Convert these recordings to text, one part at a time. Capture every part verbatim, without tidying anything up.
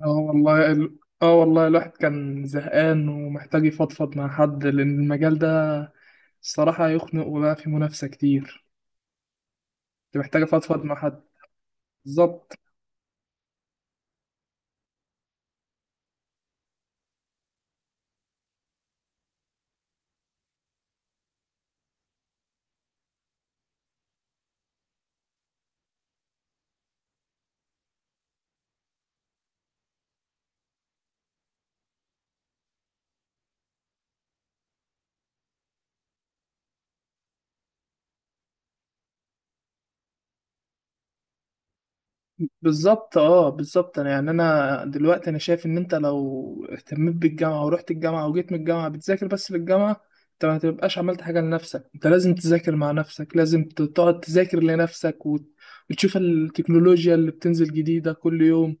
اه والله ال- اه والله الواحد كان زهقان ومحتاج يفضفض مع حد، لأن المجال ده الصراحة يخنق وبقى فيه منافسة كتير. كنت محتاج أفضفض مع حد. بالظبط. بالظبط اه بالظبط، أنا يعني أنا دلوقتي أنا شايف إن أنت لو اهتميت بالجامعة ورحت الجامعة وجيت من الجامعة بتذاكر بس للجامعة، أنت ما تبقاش عملت حاجة لنفسك. أنت لازم تذاكر مع نفسك، لازم تقعد تذاكر لنفسك، وت- وتشوف التكنولوجيا اللي بتنزل جديدة كل يوم.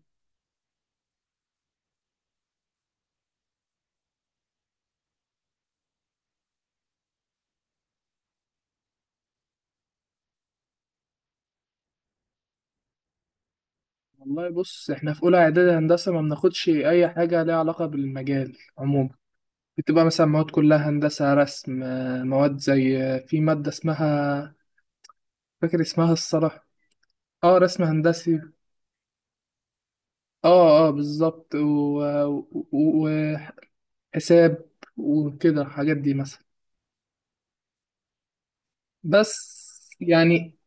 والله بص، احنا في اولى اعدادي هندسه ما بناخدش اي حاجه ليها علاقه بالمجال عموما. بتبقى مثلا مواد كلها هندسه رسم، آه، مواد زي، آه، في ماده اسمها، فاكر اسمها الصراحه اه، رسم هندسي. اه اه بالظبط، و- و- وحساب وكده، الحاجات دي مثلا. بس يعني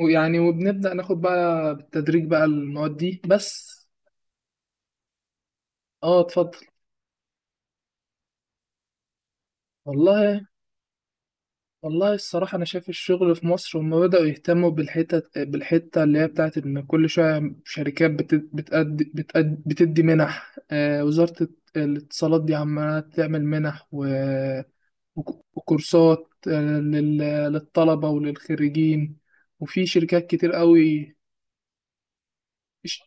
ويعني وبنبدا ناخد بقى بالتدريج بقى المواد دي بس. اه، اتفضل. والله والله الصراحة أنا شايف الشغل في مصر هما بدأوا يهتموا بالحتة، بالحتة اللي هي بتاعت إن كل شوية شركات بت- بتأدي بتأدي بتدي منح. آه، وزارة الاتصالات دي عمالة تعمل منح و- وك- وكورسات آه، لل- للطلبة وللخريجين، وفي شركات كتير قوي. ش-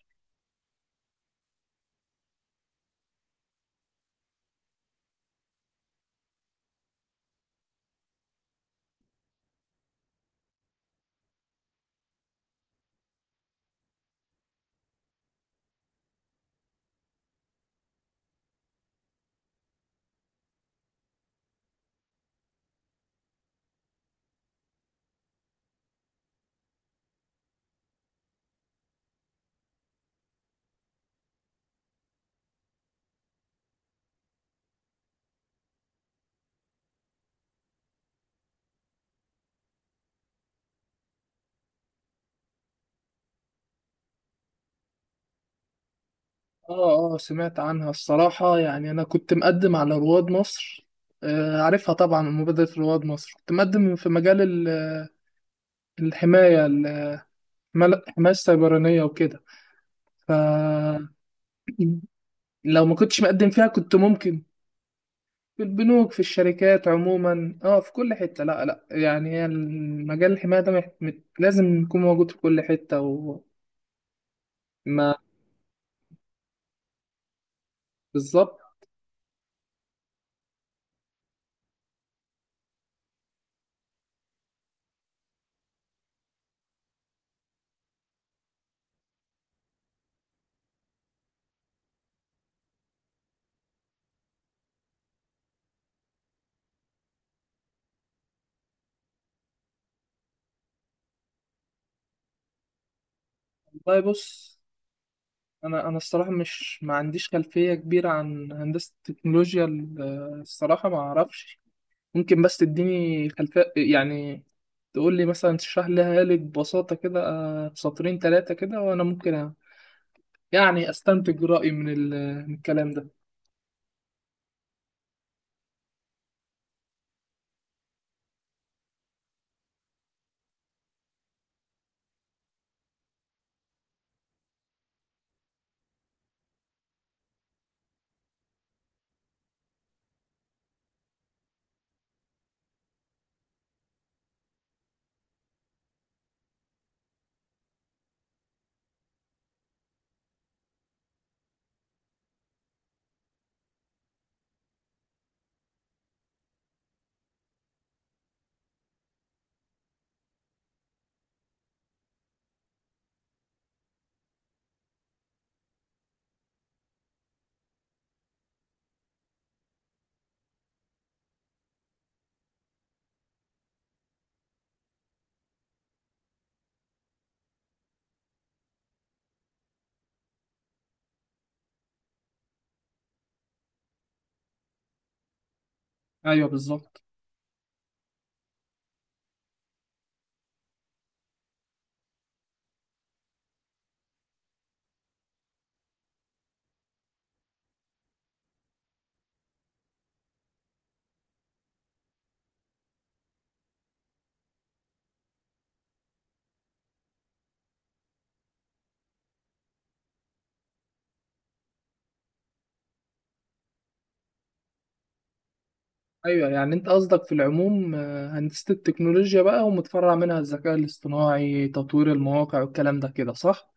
آه، آه سمعت عنها الصراحة. يعني أنا كنت مقدم على رواد مصر، آه، عارفها طبعا. مبادرة رواد مصر كنت مقدم في مجال ال- الحماية، مل- حماية سيبرانية وكده. ف لو ما كنتش مقدم فيها كنت ممكن. في البنوك في الشركات عموما، اه، في كل حتة، لا لا، يعني هي المجال الحماية ده مح- مت- لازم يكون موجود في كل حتة. وما بالظبط. والله بص، انا انا الصراحة مش ما عنديش خلفية كبيرة عن هندسة التكنولوجيا. ال- الصراحة ما اعرفش. ممكن بس تديني خلفية يعني، تقول لي مثلا، تشرح لها لي ببساطة كده، آه، سطرين ثلاثة كده، وأنا ممكن يعني استنتج رأيي من ال- من الكلام ده. ايوه بالظبط. ايوه، يعني انت قصدك في العموم، آه، هندسة التكنولوجيا بقى ومتفرع منها الذكاء الاصطناعي تطوير المواقع والكلام ده، كده صح؟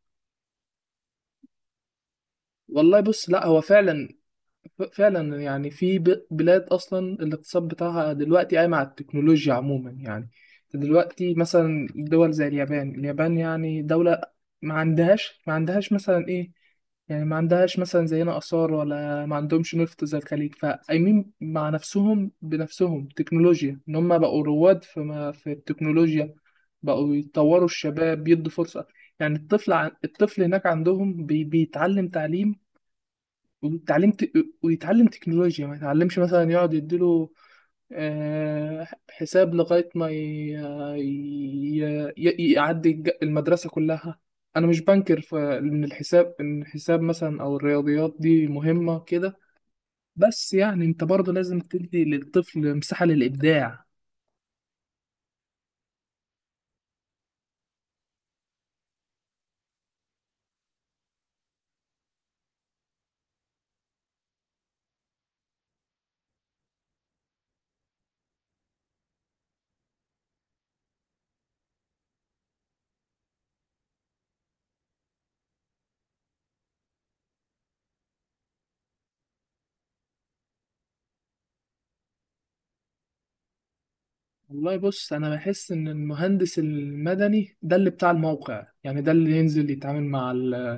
والله بص، لا هو فعلا، ف- فعلا يعني في ب- بلاد اصلا الاقتصاد بتاعها دلوقتي قايم على التكنولوجيا عموما يعني. دلوقتي مثلا دول زي اليابان اليابان، يعني دولة ما عندهاش ما عندهاش مثلا ايه، يعني ما عندهاش مثلا زينا آثار، ولا ما عندهمش نفط زي الخليج، فقايمين مع نفسهم بنفسهم تكنولوجيا، إن هم بقوا رواد في ما في التكنولوجيا. بقوا يطوروا الشباب، بيدوا فرصة. يعني الطفل عن... الطفل هناك عندهم بي... بيتعلم تعليم، ويتعلم ت... ويتعلم تكنولوجيا، ما يتعلمش مثلا يقعد يديله، آه، حساب لغاية ما ي... ي... ي... يعدي الج- المدرسة كلها. أنا مش بنكر ف- إن الحساب، إن الحساب مثلا أو الرياضيات دي مهمة كده، بس يعني أنت برضه لازم تدي للطفل مساحة للإبداع. والله بص، أنا بحس إن المهندس المدني ده اللي بتاع الموقع، يعني ده اللي ينزل يتعامل مع ال...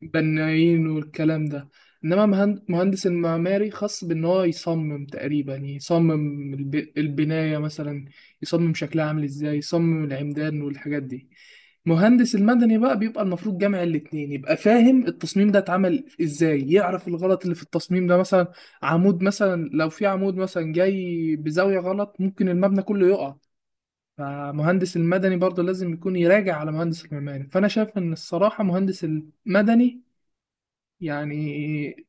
البنايين والكلام ده. انما مهند- مهندس المعماري خاص بان هو يصمم، تقريبا يصمم الب- البناية مثلا، يصمم شكلها عامل ازاي، يصمم العمدان والحاجات دي. مهندس المدني بقى بيبقى المفروض جامع الاتنين، يبقى فاهم التصميم ده اتعمل ازاي، يعرف الغلط اللي في التصميم ده. مثلا عمود، مثلا لو في عمود مثلا جاي بزاوية غلط، ممكن المبنى كله يقع. فمهندس المدني برضه لازم يكون يراجع على مهندس المعماري. فانا شايف ان الصراحه مهندس المدني يعني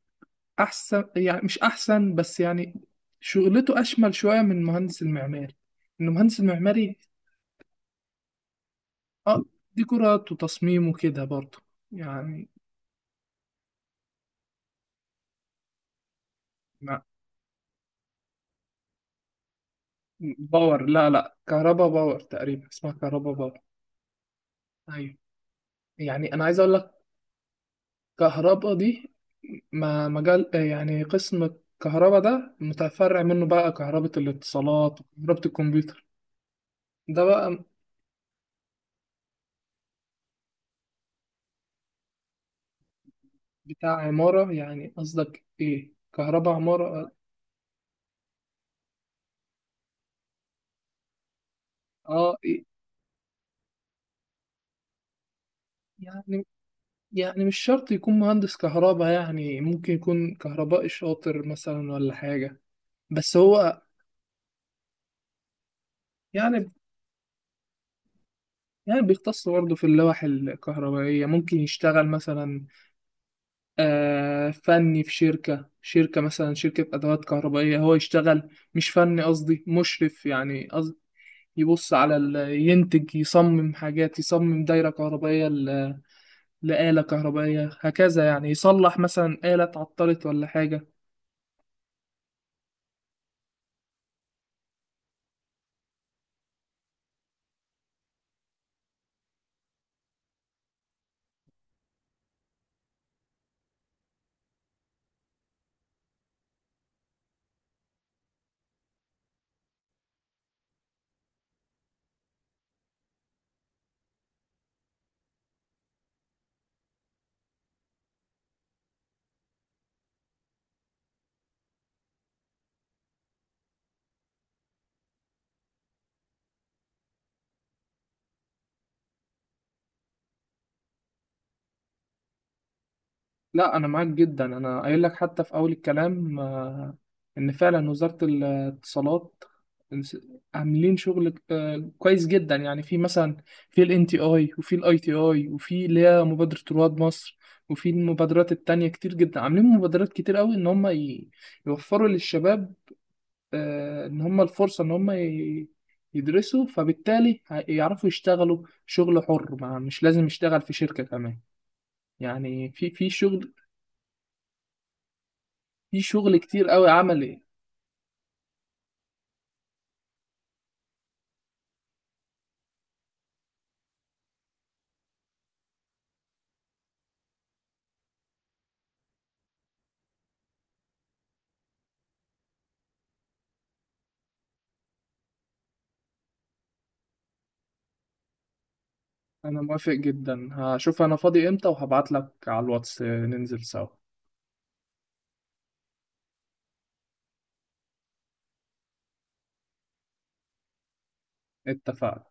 احسن، يعني مش احسن بس، يعني شغلته اشمل شويه من مهندس المعماري. ان مهندس المعماري، اه، ديكورات وتصميم وكده برضه يعني. ما- باور. لا لا، كهربا باور، تقريبا اسمها كهربا باور. ايوه. يعني انا عايز اقول لك، كهرباء دي ما مجال، آه، يعني قسم الكهرباء ده متفرع منه بقى كهرباء الاتصالات وكهرباء الكمبيوتر. ده بقى بتاع عمارة، يعني قصدك ايه كهرباء عمارة؟ اه، إيه؟ يعني، يعني مش شرط يكون مهندس كهرباء، يعني ممكن يكون كهربائي شاطر مثلا ولا حاجة. بس هو يعني، يعني بيختص برضه في اللوح الكهربائية، ممكن يشتغل مثلا، آه، فني في شركة شركة مثلا، شركة أدوات كهربائية، هو يشتغل مش فني، قصدي مشرف، يعني قصد يبص على ال... ينتج، يصمم حاجات، يصمم دايرة كهربائية ل... لآلة كهربائية، هكذا يعني. يصلح مثلا آلة اتعطلت ولا حاجة. لا انا معاك جدا، انا قايل لك حتى في اول الكلام، آه، ان فعلا وزارة الاتصالات عاملين شغل، آه، كويس جدا. يعني في مثلا في الان تي اي، وفي الاي تي اي، وفي اللي هي مبادرة رواد مصر، وفي المبادرات التانية كتير جدا. عاملين مبادرات كتير قوي ان هم ي- يوفروا للشباب، آه، ان هم الفرصة ان هم ي- يدرسوا، فبالتالي ه- يعرفوا يشتغلوا شغل حر، ما مش لازم يشتغل في شركة كمان. يعني في في شغل في شغل كتير قوي عملي. انا موافق جدا، هشوف انا فاضي امتى وهبعت لك على الواتس ننزل سوا. اتفقنا.